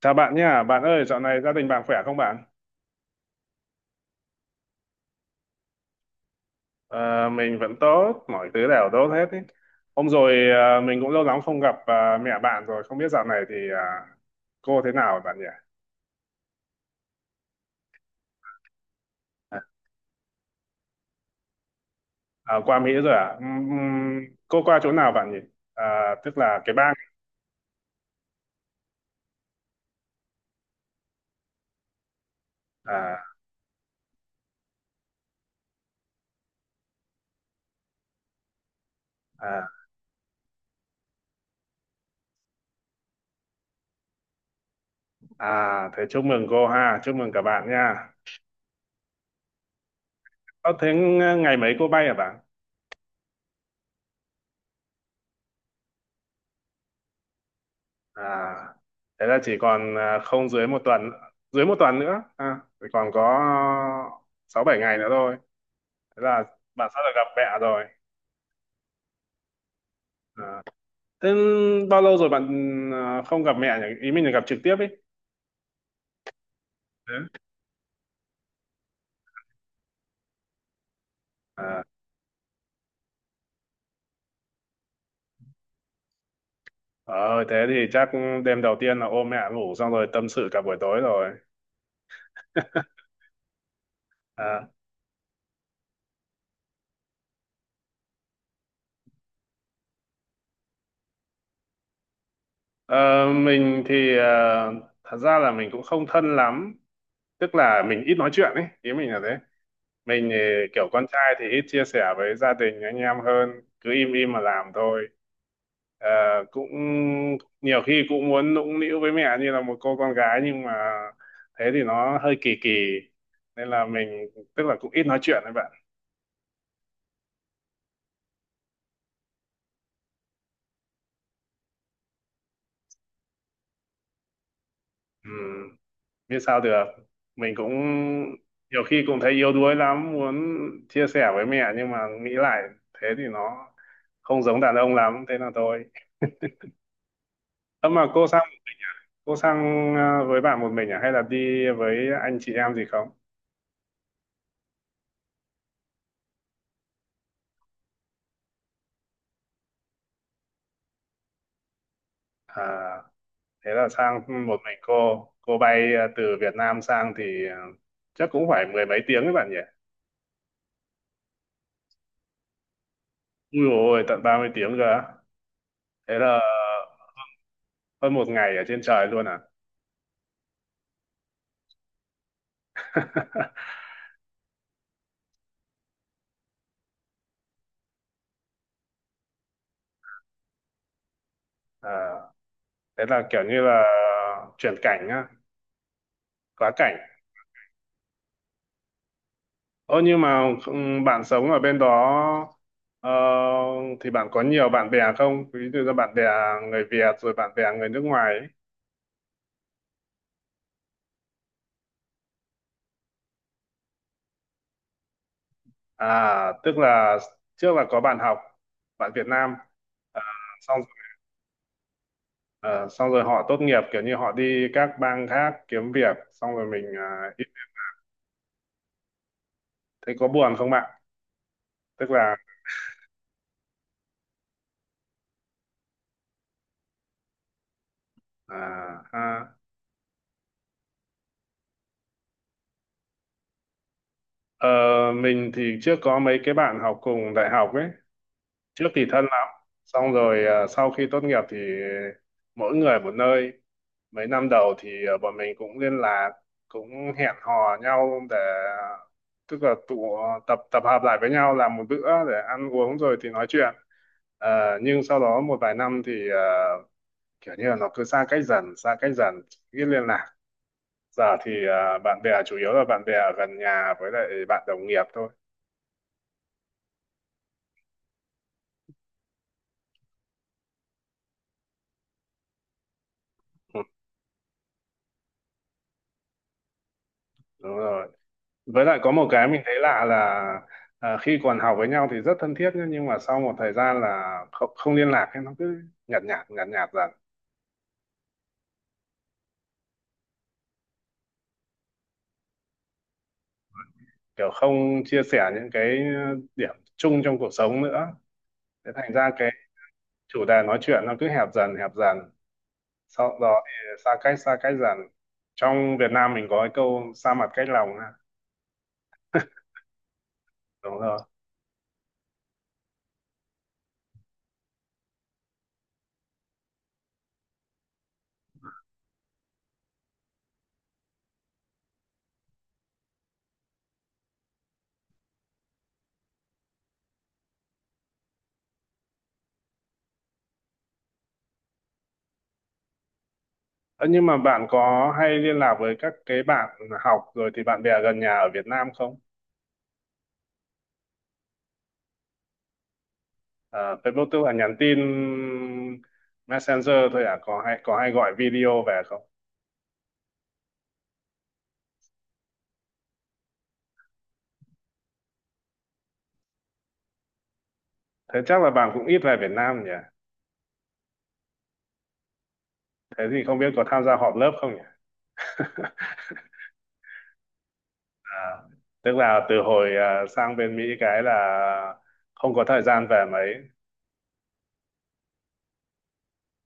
Chào bạn nha, bạn ơi, dạo này gia đình bạn khỏe không bạn? Ờ, mình vẫn tốt, mọi thứ đều tốt hết ý. Hôm rồi mình cũng lâu lắm không gặp mẹ bạn rồi, không biết dạo này thì cô thế nào bạn nhỉ? À, à, qua Mỹ rồi à? Cô qua chỗ nào bạn nhỉ? À, tức là cái bang. À, à, à, thế chúc mừng cô ha, chúc mừng cả bạn nha. Ờ, thế ngày mấy cô bay hả bạn? À, thế là chỉ còn không dưới một tuần, dưới một tuần nữa à, chỉ còn có sáu bảy ngày nữa thôi, thế là bạn sắp được gặp mẹ rồi à. Thế bao lâu rồi không gặp mẹ nhỉ, ý mình là gặp trực tiếp ý. Thế. À, ờ thế thì chắc đêm đầu tiên là ôm mẹ ngủ xong rồi tâm sự cả buổi tối rồi. À, ờ, mình thì thật ra là mình cũng không thân lắm, tức là mình ít nói chuyện ấy, ý mình là thế. Mình thì kiểu con trai thì ít chia sẻ với gia đình anh em hơn, cứ im im mà làm thôi. Ờ, Cũng nhiều khi cũng muốn nũng nịu với mẹ như là một cô con gái, nhưng mà thế thì nó hơi kỳ kỳ, nên là mình, tức là cũng ít nói chuyện với bạn. Ừ, biết sao được. Mình cũng nhiều khi cũng thấy yếu đuối lắm, muốn chia sẻ với mẹ nhưng mà nghĩ lại thế thì nó không giống đàn ông lắm, thế là thôi. Ơ mà cô sao? Cô sang với bạn một mình à, hay là đi với anh chị em gì không? À, thế là sang một mình cô. Cô bay từ Việt Nam sang thì chắc cũng phải mười mấy tiếng các bạn nhỉ? Ui dồi ôi, tận 30 tiếng cơ á. Thế là hơn một ngày ở trên trời luôn à? Ờ, Thế là kiểu như là chuyển cảnh á, quá cảnh. Ơ nhưng mà bạn sống ở bên đó ờ, thì bạn có nhiều bạn bè không? Ví dụ như bạn bè người Việt rồi bạn bè người nước ngoài ấy. À, tức là trước là có bạn học, bạn Việt Nam, à, xong rồi, à, xong rồi họ tốt nghiệp kiểu như họ đi các bang khác kiếm việc, xong rồi thấy có buồn không bạn? Tức là à, ha. Ờ, mình thì trước có mấy cái bạn học cùng đại học ấy, trước thì thân lắm, xong rồi sau khi tốt nghiệp thì mỗi người một nơi. Mấy năm đầu thì bọn mình cũng liên lạc, cũng hẹn hò nhau để, tức là tụ tập, tập hợp lại với nhau làm một bữa để ăn uống rồi thì nói chuyện. Nhưng sau đó một vài năm thì kiểu như là nó cứ xa cách dần xa cách dần, ít liên lạc. Giờ thì bạn bè chủ yếu là bạn bè ở gần nhà với lại bạn đồng nghiệp thôi. Ừ, đúng rồi. Với lại có một cái mình thấy lạ là, khi còn học với nhau thì rất thân thiết nhá, nhưng mà sau một thời gian là không, không liên lạc ấy, nó cứ nhạt nhạt nhạt nhạt dần, kiểu không chia sẻ những cái điểm chung trong cuộc sống nữa, thế thành ra cái chủ đề nói chuyện nó cứ hẹp dần hẹp dần, sau đó thì xa cách dần. Trong Việt Nam mình có cái câu xa mặt cách lòng ha. Đúng rồi. Ơ, nhưng mà bạn có hay liên lạc với các cái bạn học rồi thì bạn bè gần nhà ở Việt Nam không? À, Facebook tức là nhắn tin Messenger thôi à, có hay gọi video về không? Thế chắc là bạn cũng ít về Việt Nam nhỉ. Thế thì không biết có tham gia họp lớp không nhỉ. à, Tức là từ hồi sang bên Mỹ cái là không có thời gian về mấy.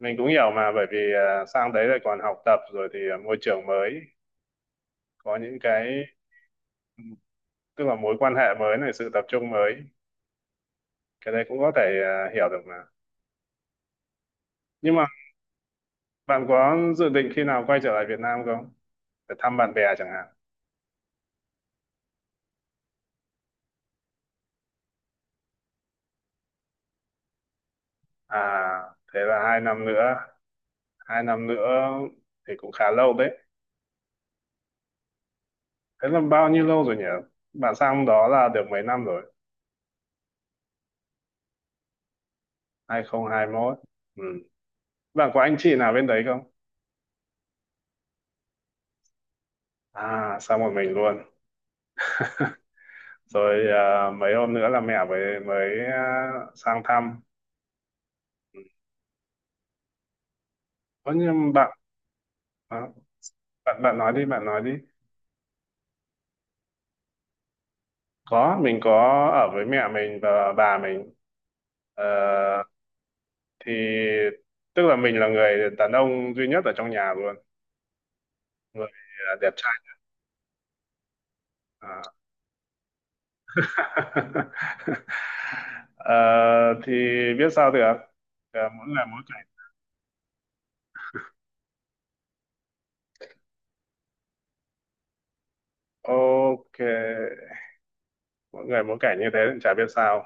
Mình cũng hiểu mà, bởi vì sang đấy lại còn học tập rồi thì môi trường mới, có những cái, tức là mối quan hệ mới này, sự tập trung mới, cái đấy cũng có thể hiểu được mà. Nhưng mà bạn có dự định khi nào quay trở lại Việt Nam không? Để thăm bạn bè chẳng hạn. À, thế là 2 năm nữa. 2 năm nữa thì cũng khá lâu đấy. Thế là bao nhiêu lâu rồi nhỉ? Bạn sang đó là được mấy năm rồi? 2021. Ừ. Bạn có anh chị nào bên đấy không? À, sang một mình luôn. Rồi mấy hôm nữa là mẹ mới mới sang thăm. Có nhưng à, bạn nói đi, bạn nói đi. Có, mình có ở với mẹ mình và bà mình. Ờ, thì tức là mình là người đàn ông duy nhất ở trong nhà luôn, người đẹp trai à. Ờ, thì biết sao được. Mỗi người mỗi cảnh. Ok, mỗi người mỗi cảnh như thế thì chả biết sao.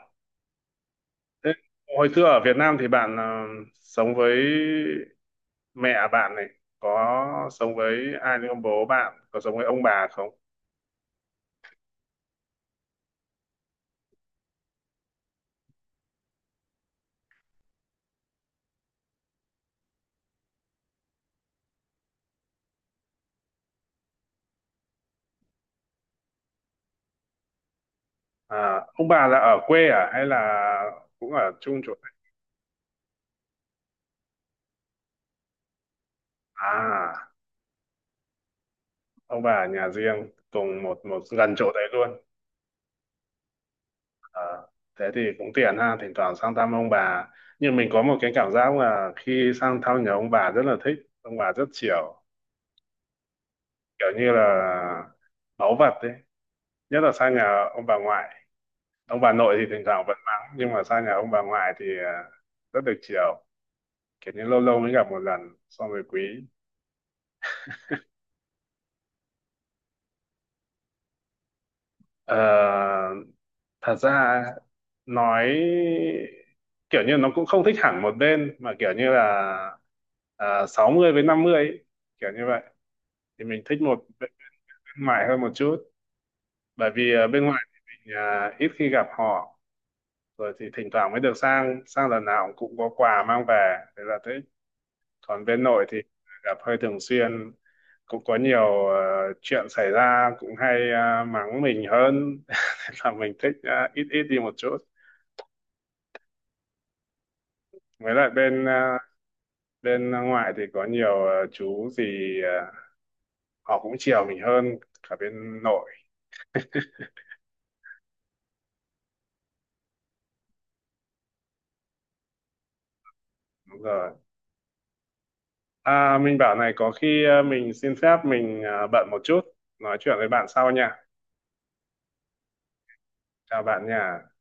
Thế hồi xưa ở Việt Nam thì bạn sống với mẹ bạn này, có sống với ai nữa không, bố bạn có sống với ông bà không? À, ông bà là ở quê à hay là cũng ở chung chỗ? À, ông bà ở nhà riêng cùng một một gần chỗ đấy luôn. À, thế thì cũng tiện ha, thỉnh thoảng sang thăm ông bà, nhưng mình có một cái cảm giác là khi sang thăm nhà ông bà rất là thích, ông bà rất chiều, kiểu như là báu vật đấy, nhất là sang nhà ông bà ngoại. Ông bà nội thì thỉnh thoảng vẫn mắng, nhưng mà sang nhà ông bà ngoại thì rất được chiều, kiểu như lâu lâu mới gặp một lần, xong rồi quý. Ờ, Thật ra nói kiểu như nó cũng không thích hẳn một bên, mà kiểu như là 60 với 50 ấy, kiểu như vậy, thì mình thích một bên ngoài hơn một chút, bởi vì bên ngoài thì mình ít khi gặp họ, rồi thì thỉnh thoảng mới được sang, sang lần nào cũng có quà mang về thế là thế. Còn bên nội thì gặp hơi thường xuyên, cũng có nhiều chuyện xảy ra, cũng hay mắng mình hơn. Thế là mình thích ít ít đi một chút. Với lại bên ngoại thì có nhiều chú thì ờ, họ cũng chiều mình hơn cả bên nội. Đúng rồi. À, mình bảo này, có khi mình xin phép, mình bận một chút, nói chuyện với bạn sau nha. Chào bạn nha.